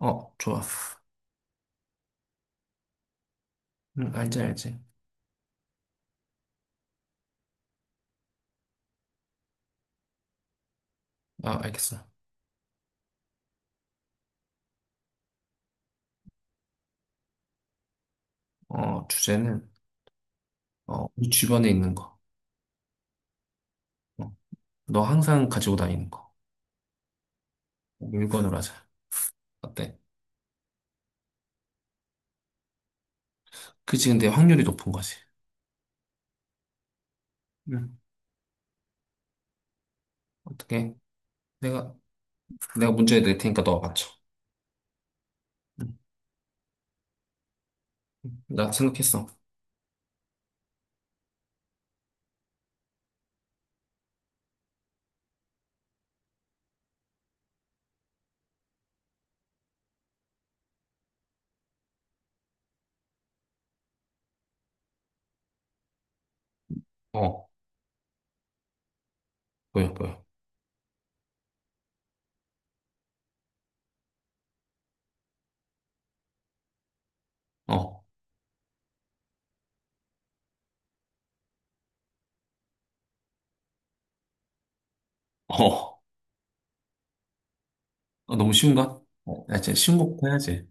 어, 좋아. 응, 알지, 알지. 아, 알겠어. 어, 주제는, 어, 우리 주변에 있는 거. 어, 너 항상 가지고 다니는 거. 어, 물건으로 하자. 어때? 그치, 근데 확률이 높은 거지. 응. 어떻게? 내가, 내가 문제 낼 테니까 너가 맞춰. 응. 나 생각했어. 어, 보여, 보여. 어, 어. 어, 너무 쉬운가? 어, 야, 진짜 쉬운 거부터 해야지.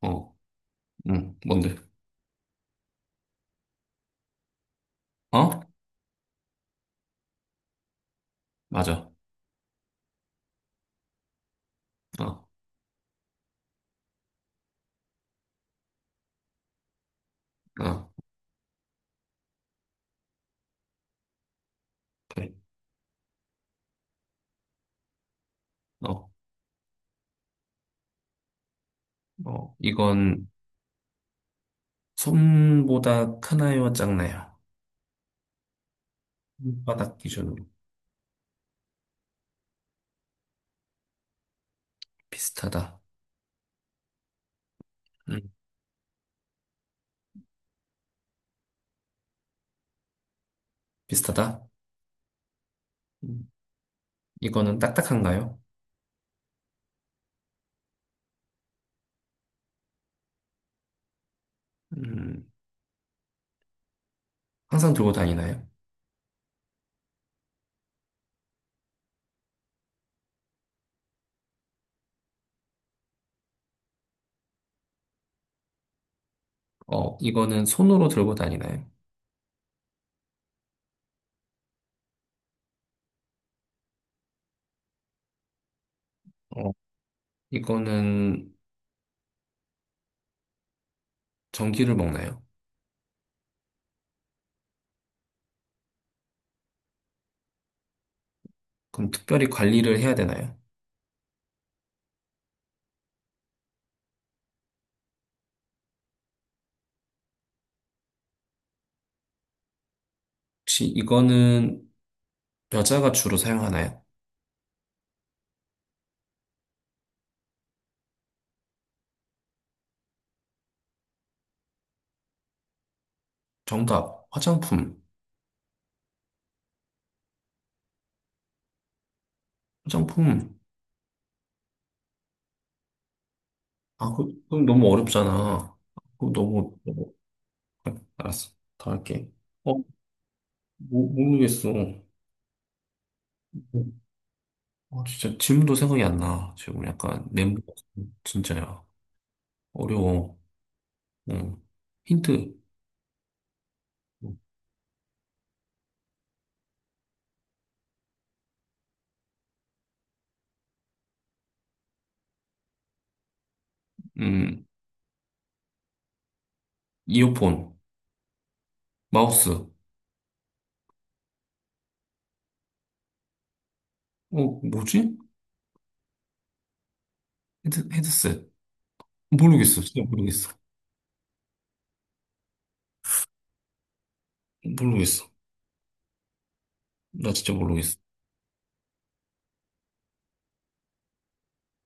어, 응, 뭔데? 어? 맞아. 어, 어, 그래. 어, 어, 이건, 손보다 크나요, 작나요? 손 바닥 기준으로 비슷하다. 음. 비슷하다. 음. 이거는 딱딱한가요? 음, 항상 들고 다니나요? 어, 이거는 손으로 들고 다니나요? 어, 이거는 전기를 먹나요? 그럼 특별히 관리를 해야 되나요? 혹시 이거는 여자가 주로 사용하나요? 정답, 화장품. 화장품. 아, 그럼 너무 어렵잖아. 그럼 너무, 너무- 알았어. 더 할게. 모르겠어. 어, 진짜 지금도 생각이 안 나. 지금 약간 멘붕 진짜야. 어려워. 응. 힌트. 음, 이어폰, 마우스. 어, 뭐지? 헤드셋. 모르겠어. 진짜 모르겠어. 모르겠어. 나 진짜 모르겠어.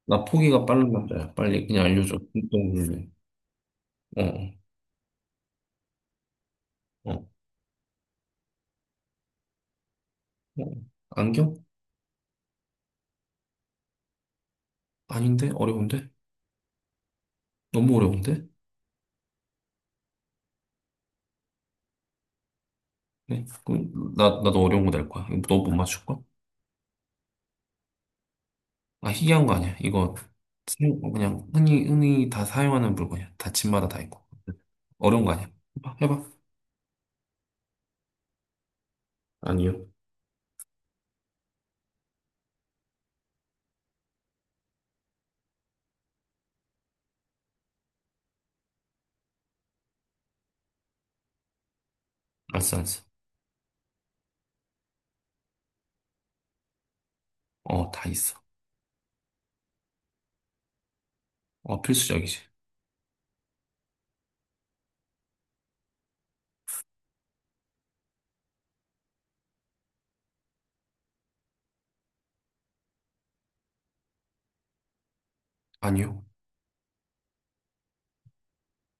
나 포기가 빠른 남자야. 빨리 그냥 알려줘. 진짜 모르네. 어, 어, 어. 안경? 아닌데? 어려운데? 너무 어려운데? 네. 그럼 나도 어려운 거 낼 거야. 너 못 맞출 거야? 아, 희귀한 거 아니야. 이거 사용- 그냥 흔히 흔히 다 사용하는 물건이야. 다 집마다 다 있고. 어려운 거 아니야. 해봐, 해봐. 아니요. 알았어, 알았어. 어, 다 있어. 어, 필수적이지. 아니요.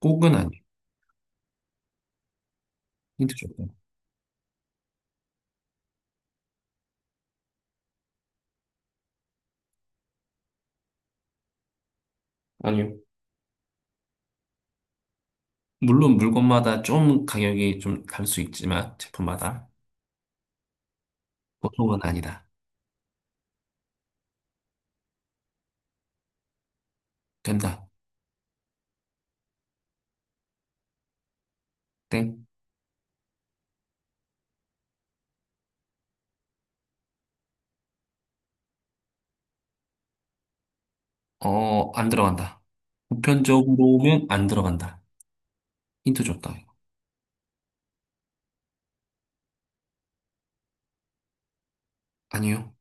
꼭은 아니야. 힌트 줬고. 아니요. 물론 물건마다 좀 가격이 좀 다를 수 있지만 제품마다 보통은 아니다. 된다. 땡. 어, 안 들어간다. 보편적으로면 안 들어간다. 힌트 줬다. 이거. 아니요.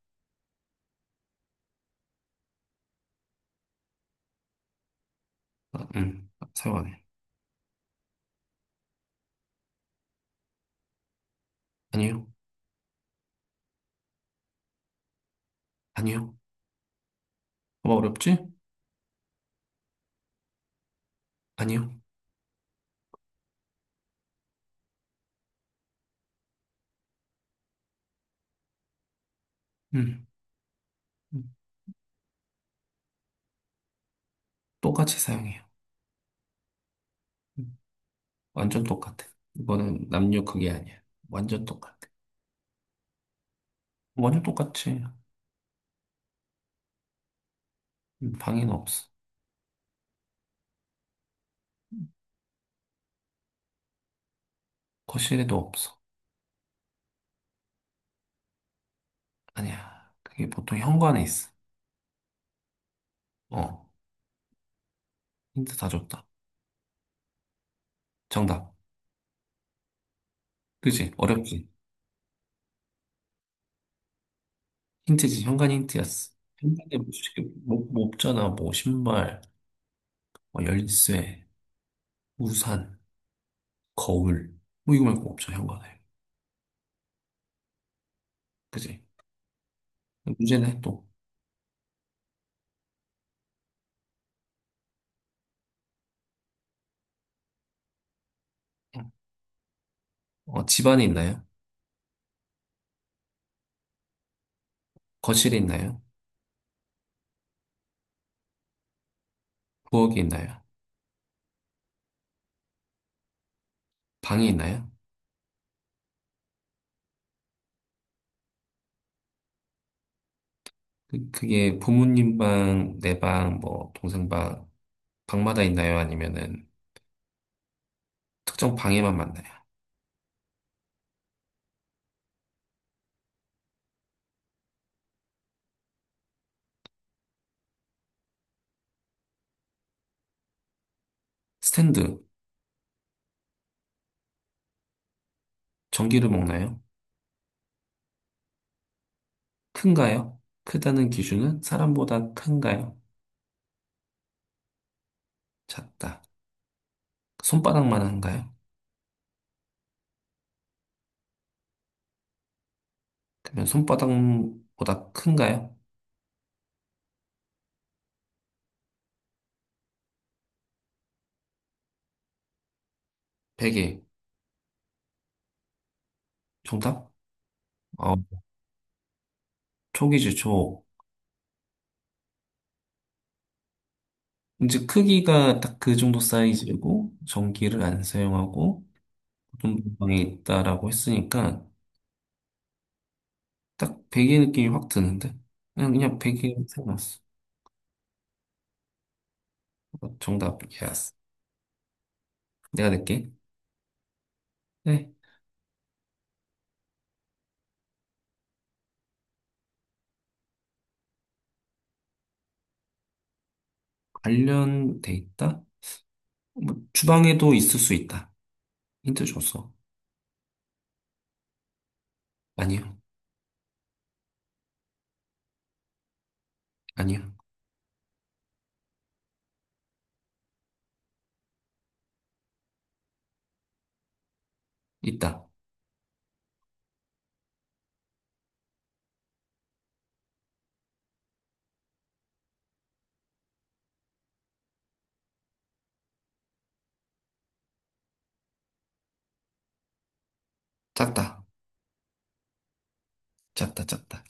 아, 사용 안 해. 아니요. 아니요. 뭐 어렵지? 아니요. 음, 음. 똑같이 사용해요. 음, 완전 똑같아. 이거는 남녀 그게 아니야. 완전 똑같아. 완전 똑같지. 방에는 없어. 거실에도 없어. 아니야. 그게 보통 현관에 있어. 어, 힌트 다 줬다. 정답. 그지? 어렵지? 힌트지. 현관 힌트였어. 현관에 뭐 쉽게 뭐, 뭐 없잖아. 뭐 신발, 뭐 열쇠, 우산, 거울. 뭐 이거 말고 없어. 현관에. 그지? 문제는 또. 어, 집안에 있나요? 거실에 있나요? 부엌에 있나요? 방이 있나요? 그게 부모님 방, 내 방, 뭐, 동생 방, 방마다 있나요? 아니면은 특정 방에만 만나요? 스탠드, 전기를 먹나요? 큰가요? 크다는 기준은 사람보다 큰가요? 작다. 손바닥만 한가요? 그러면 손바닥보다 큰가요? 베개. 정답? 어, 촉이지, 촉. 이제 크기가 딱 그 정도 사이즈고, 전기를 안 사용하고, 보통 방에 있다라고 했으니까, 딱 베개 느낌이 확 드는데? 그냥 베개 생각났어. 어, 정답, 예스. 내가 낼게. 네. 관련돼 있다? 뭐, 주방에도 있을 수 있다. 힌트 줬어. 아니요, 아니요. 있다. 작다. 작다, 작다.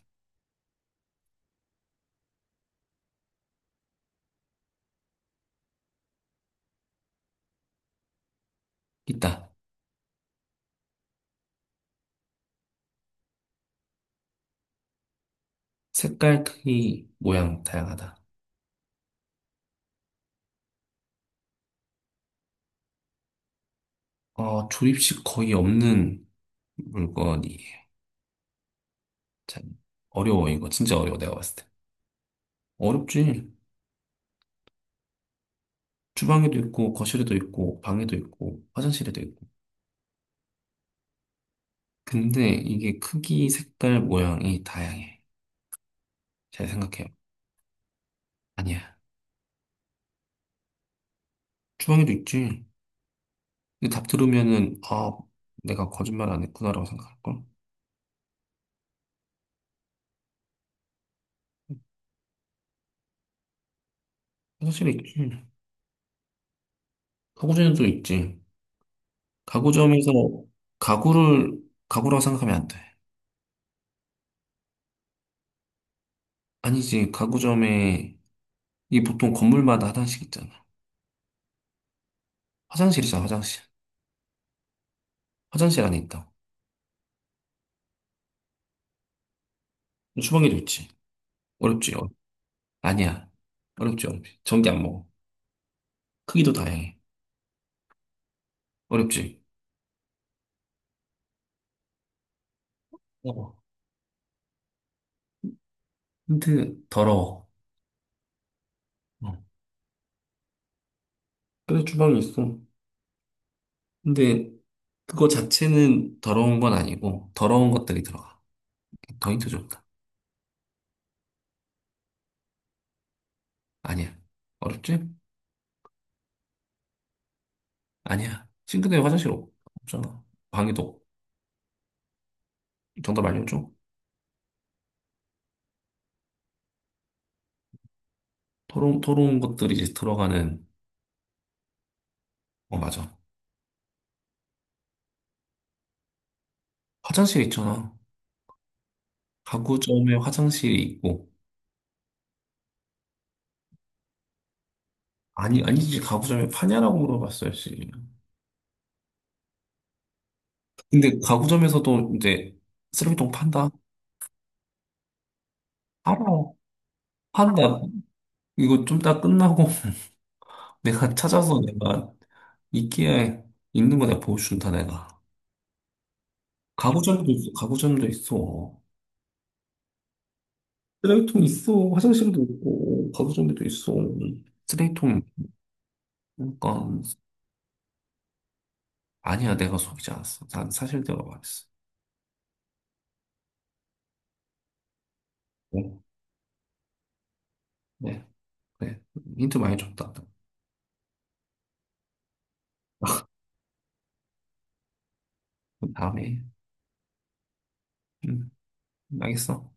있다. 색깔, 크기, 모양, 다양하다. 어, 조립식 거의 없는 물건이에요. 참, 어려워, 이거. 진짜 어려워, 내가 봤을 때. 어렵지. 주방에도 있고, 거실에도 있고, 방에도 있고, 화장실에도 있고. 근데 이게 크기, 색깔, 모양이 다양해. 잘 생각해요. 아니야. 주방에도 있지. 근데 답 들으면은, 아, 내가 거짓말 안 했구나라고 생각할걸? 화장실에 있지. 가구점에도 있지. 가구점에서 가구를 가구라고 생각하면 안 돼. 아니지. 가구점에 이게 보통 건물마다 화장실 있잖아. 화장실이잖아, 화장실. 화장실 안에 있다고. 주방에도 있지. 어렵지. 어, 아니야. 어렵지, 어렵지. 전기 안 먹어. 크기도 다양해. 어렵지. 어. 근데 더러워. 어, 그래, 주방이 있어. 근데 그거 자체는 더러운 건 아니고, 더러운 것들이 들어가. 더인트 좋다. 아니야. 어렵지? 아니야. 싱크대 화장실 없- 없잖아. 방에도 없- 정답 알려줘. 더러운, 더러운 것들이 이제 들어가는, 어, 맞아. 화장실 있잖아. 가구점에 화장실이 있고, 아니, 아니지. 가구점에 파냐라고 물어봤어야지. 근데 가구점에서도 이제 쓰레기통 판다? 알아. 판다. 이거 좀 다 끝나고 내가 찾아서 내가 이끼에 있는 거 내가 보여준다, 내가. 가구점도 있어, 가구점도 있어. 쓰레기통 있어, 화장실도 있고, 가구점도 있어. 쓰레기통, 그러니까, 아니야, 내가 속이지 않았어. 난 사실 내가 말했어. 어, 네, 그래. 힌트 많이 줬다. 다음에, 응, 알겠어.